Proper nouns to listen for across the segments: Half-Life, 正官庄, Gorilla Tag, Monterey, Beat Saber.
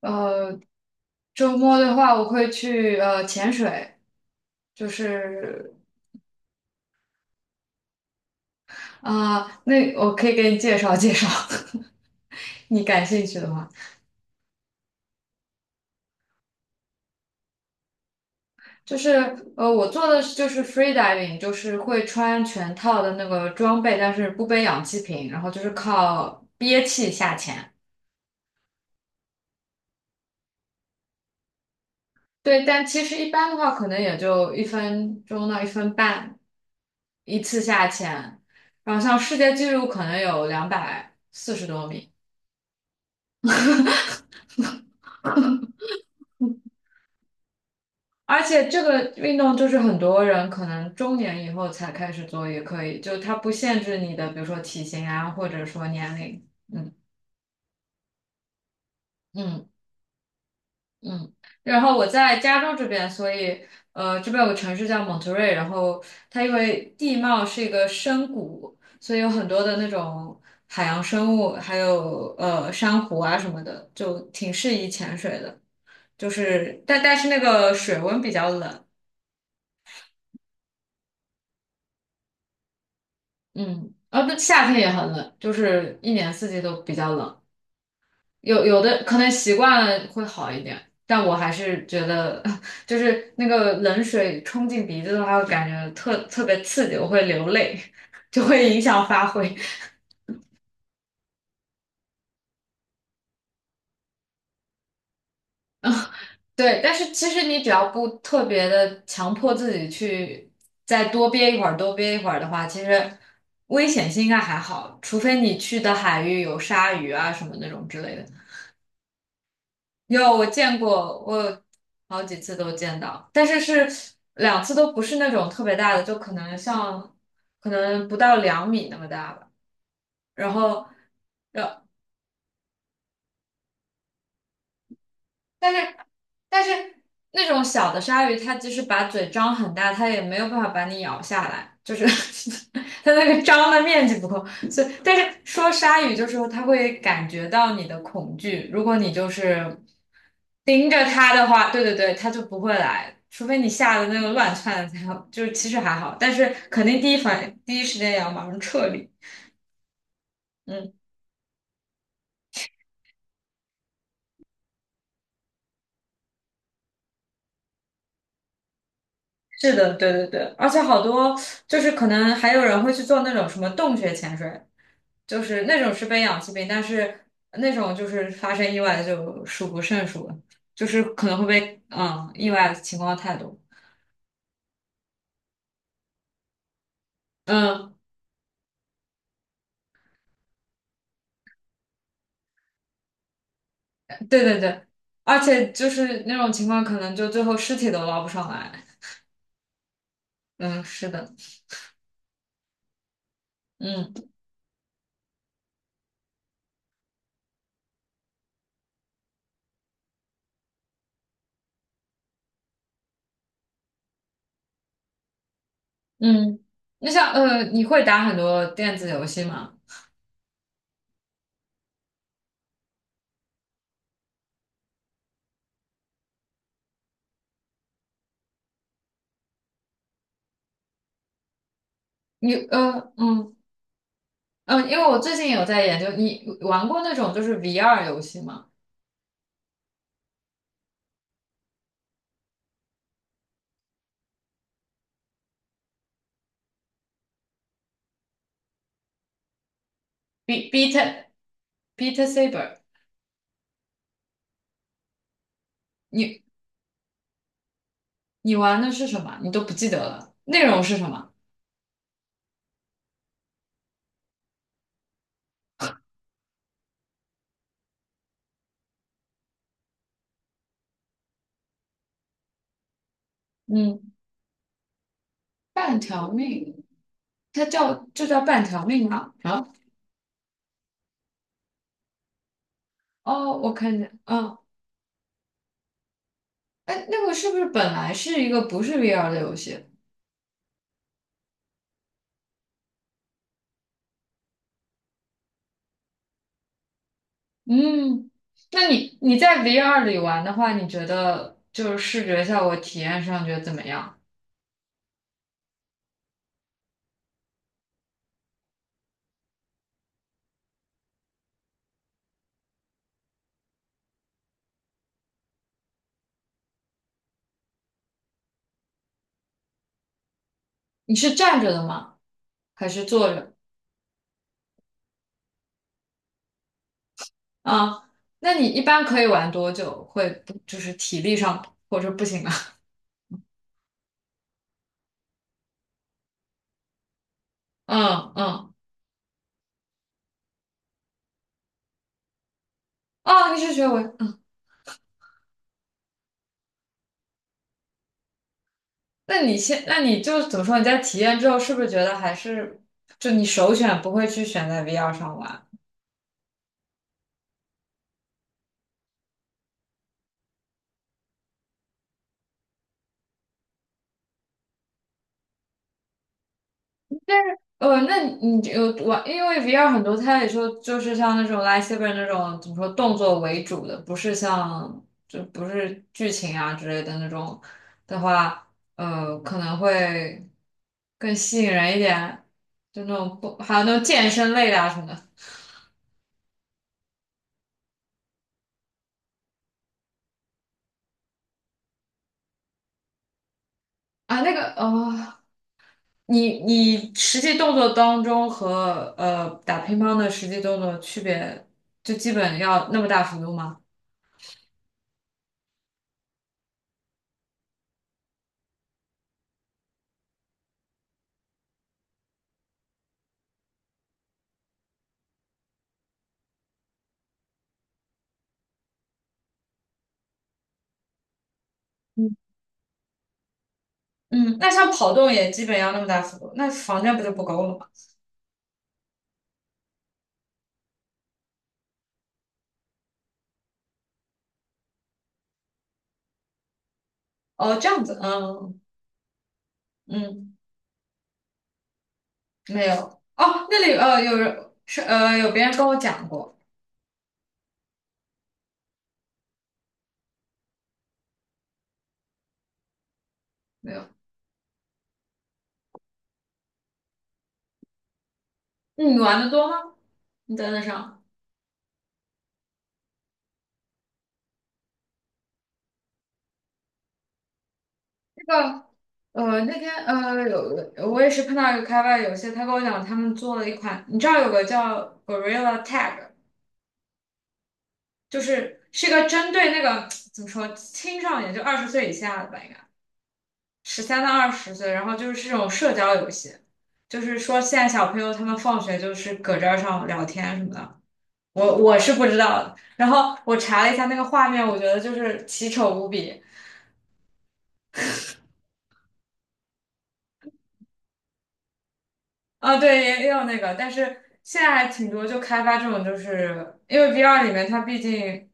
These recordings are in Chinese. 呃，周末的话，我会去潜水，就是啊、那我可以给你介绍介绍。你感兴趣的话，就是我做的是就是 free diving，就是会穿全套的那个装备，但是不背氧气瓶，然后就是靠憋气下潜。对，但其实一般的话，可能也就1分钟到1分半一次下潜，然后像世界纪录可能有240多米。而且这个运动就是很多人可能中年以后才开始做也可以，就它不限制你的，比如说体型啊，或者说年龄。嗯嗯嗯。然后我在加州这边，所以这边有个城市叫蒙特瑞，然后它因为地貌是一个深谷，所以有很多的那种海洋生物，还有珊瑚啊什么的，就挺适宜潜水的。就是但是那个水温比较冷。嗯，啊，不，夏天也很冷，就是一年四季都比较冷。有的可能习惯了会好一点，但我还是觉得，就是那个冷水冲进鼻子的话，会感觉特别刺激，我会流泪，就会影响发挥。对，但是其实你只要不特别的强迫自己去再多憋一会儿，多憋一会儿的话，其实危险性应该还好，除非你去的海域有鲨鱼啊什么那种之类的。有，我见过，我有好几次都见到，但是是两次都不是那种特别大的，就可能像可能不到2米那么大吧。然后，然但是但是那种小的鲨鱼，它即使把嘴张很大，它也没有办法把你咬下来，就是 它那个张的面积不够。所以，但是说鲨鱼就是说它会感觉到你的恐惧，如果你就是盯着它的话，对对对，它就不会来。除非你吓得那个乱窜的才好，就是其实还好，但是肯定第一反应第一时间也要马上撤离。嗯，是的，对对对，而且好多就是可能还有人会去做那种什么洞穴潜水，就是那种是被氧气病，但是那种就是发生意外就数不胜数了，就是可能会被意外的情况太多。嗯，对对对，而且就是那种情况可能就最后尸体都捞不上来。嗯，是的。嗯嗯，那像你会打很多电子游戏吗？你呃嗯嗯，因为我最近有在研究，你玩过那种就是 VR 游戏吗？Beat Beat Beat Saber。你？你玩的是什么？你都不记得了，内容是什么？嗯，半条命，这叫半条命吗？啊，哦，我看见，嗯，哎，那个是不是本来是一个不是 VR 的游戏？嗯，那你在 VR 里玩的话，你觉得就是视觉效果体验上觉得怎么样？你是站着的吗？还是坐着？啊，那你一般可以玩多久？会不就是体力上或者不行啊？嗯嗯，哦，你是学文。那你就怎么说？你在体验之后，是不是觉得还是就你首选不会去选在 VR 上玩？那你有玩，因为 VR 很多，它也说就是像那种 lightsaber 那种怎么说动作为主的，不是剧情啊之类的那种的话，可能会更吸引人一点，就那种不还有那种健身类的啊什么的。啊，那个哦。你实际动作当中和打乒乓的实际动作区别，就基本要那么大幅度吗？嗯，嗯，那像跑动也基本要那么大幅度，那房间不就不够了吗？哦，这样子。嗯嗯，没有。哦，那里有别人跟我讲过。没有。那你玩的多吗？你在那上？那个那天我也是碰到一个开发游戏，他跟我讲他们做了一款，你知道有个叫 Gorilla Tag。就是个针对那个怎么说青少年，就二十岁以下的吧，应该13到20岁，然后就是这种社交游戏，就是说现在小朋友他们放学就是搁这儿上聊天什么的。我是不知道的。然后我查了一下那个画面，我觉得就是奇丑无比。啊，对，也有那个，但是现在还挺多就开发这种，就是因为 VR 里面它毕竟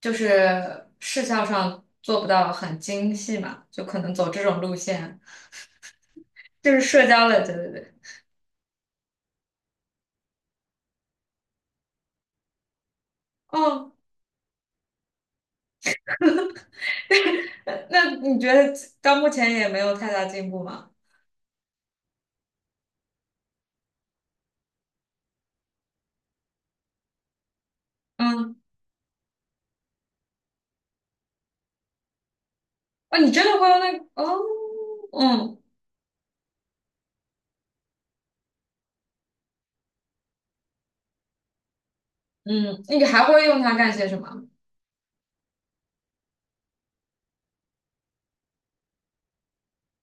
就是视效上做不到很精细嘛，就可能走这种路线。就是社交类，对对对。哦，那你觉得到目前也没有太大进步吗？嗯，哦，你真的会用那个哦。嗯嗯，你还会用它干些什么？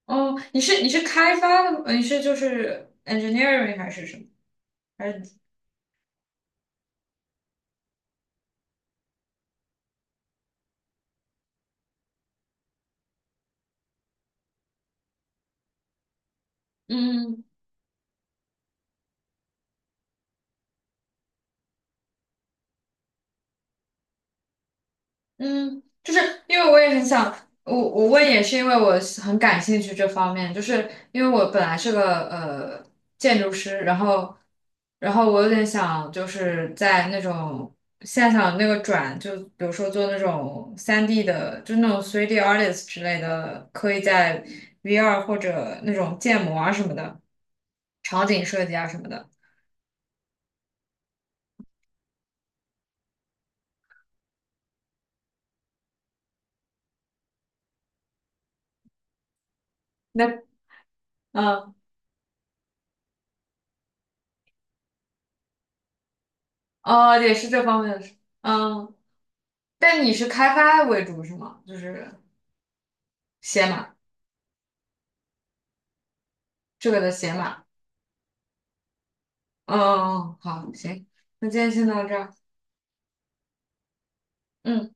哦，你是开发的吗？你是就是 engineering 还是什么？还是嗯嗯，就是因为我也很想，我问也是因为我是很感兴趣这方面，就是因为我本来是个建筑师，然后我有点想就是在那种现在想那个转，就比如说做那种3D 的，就那种 3D artist 之类的，可以在 VR 或者那种建模啊什么的，场景设计啊什么的。那嗯哦，也是这方面的事。嗯。但你是开发为主是吗？就是写码，这个的写码。嗯，哦哦好，行，那今天先到这儿。嗯。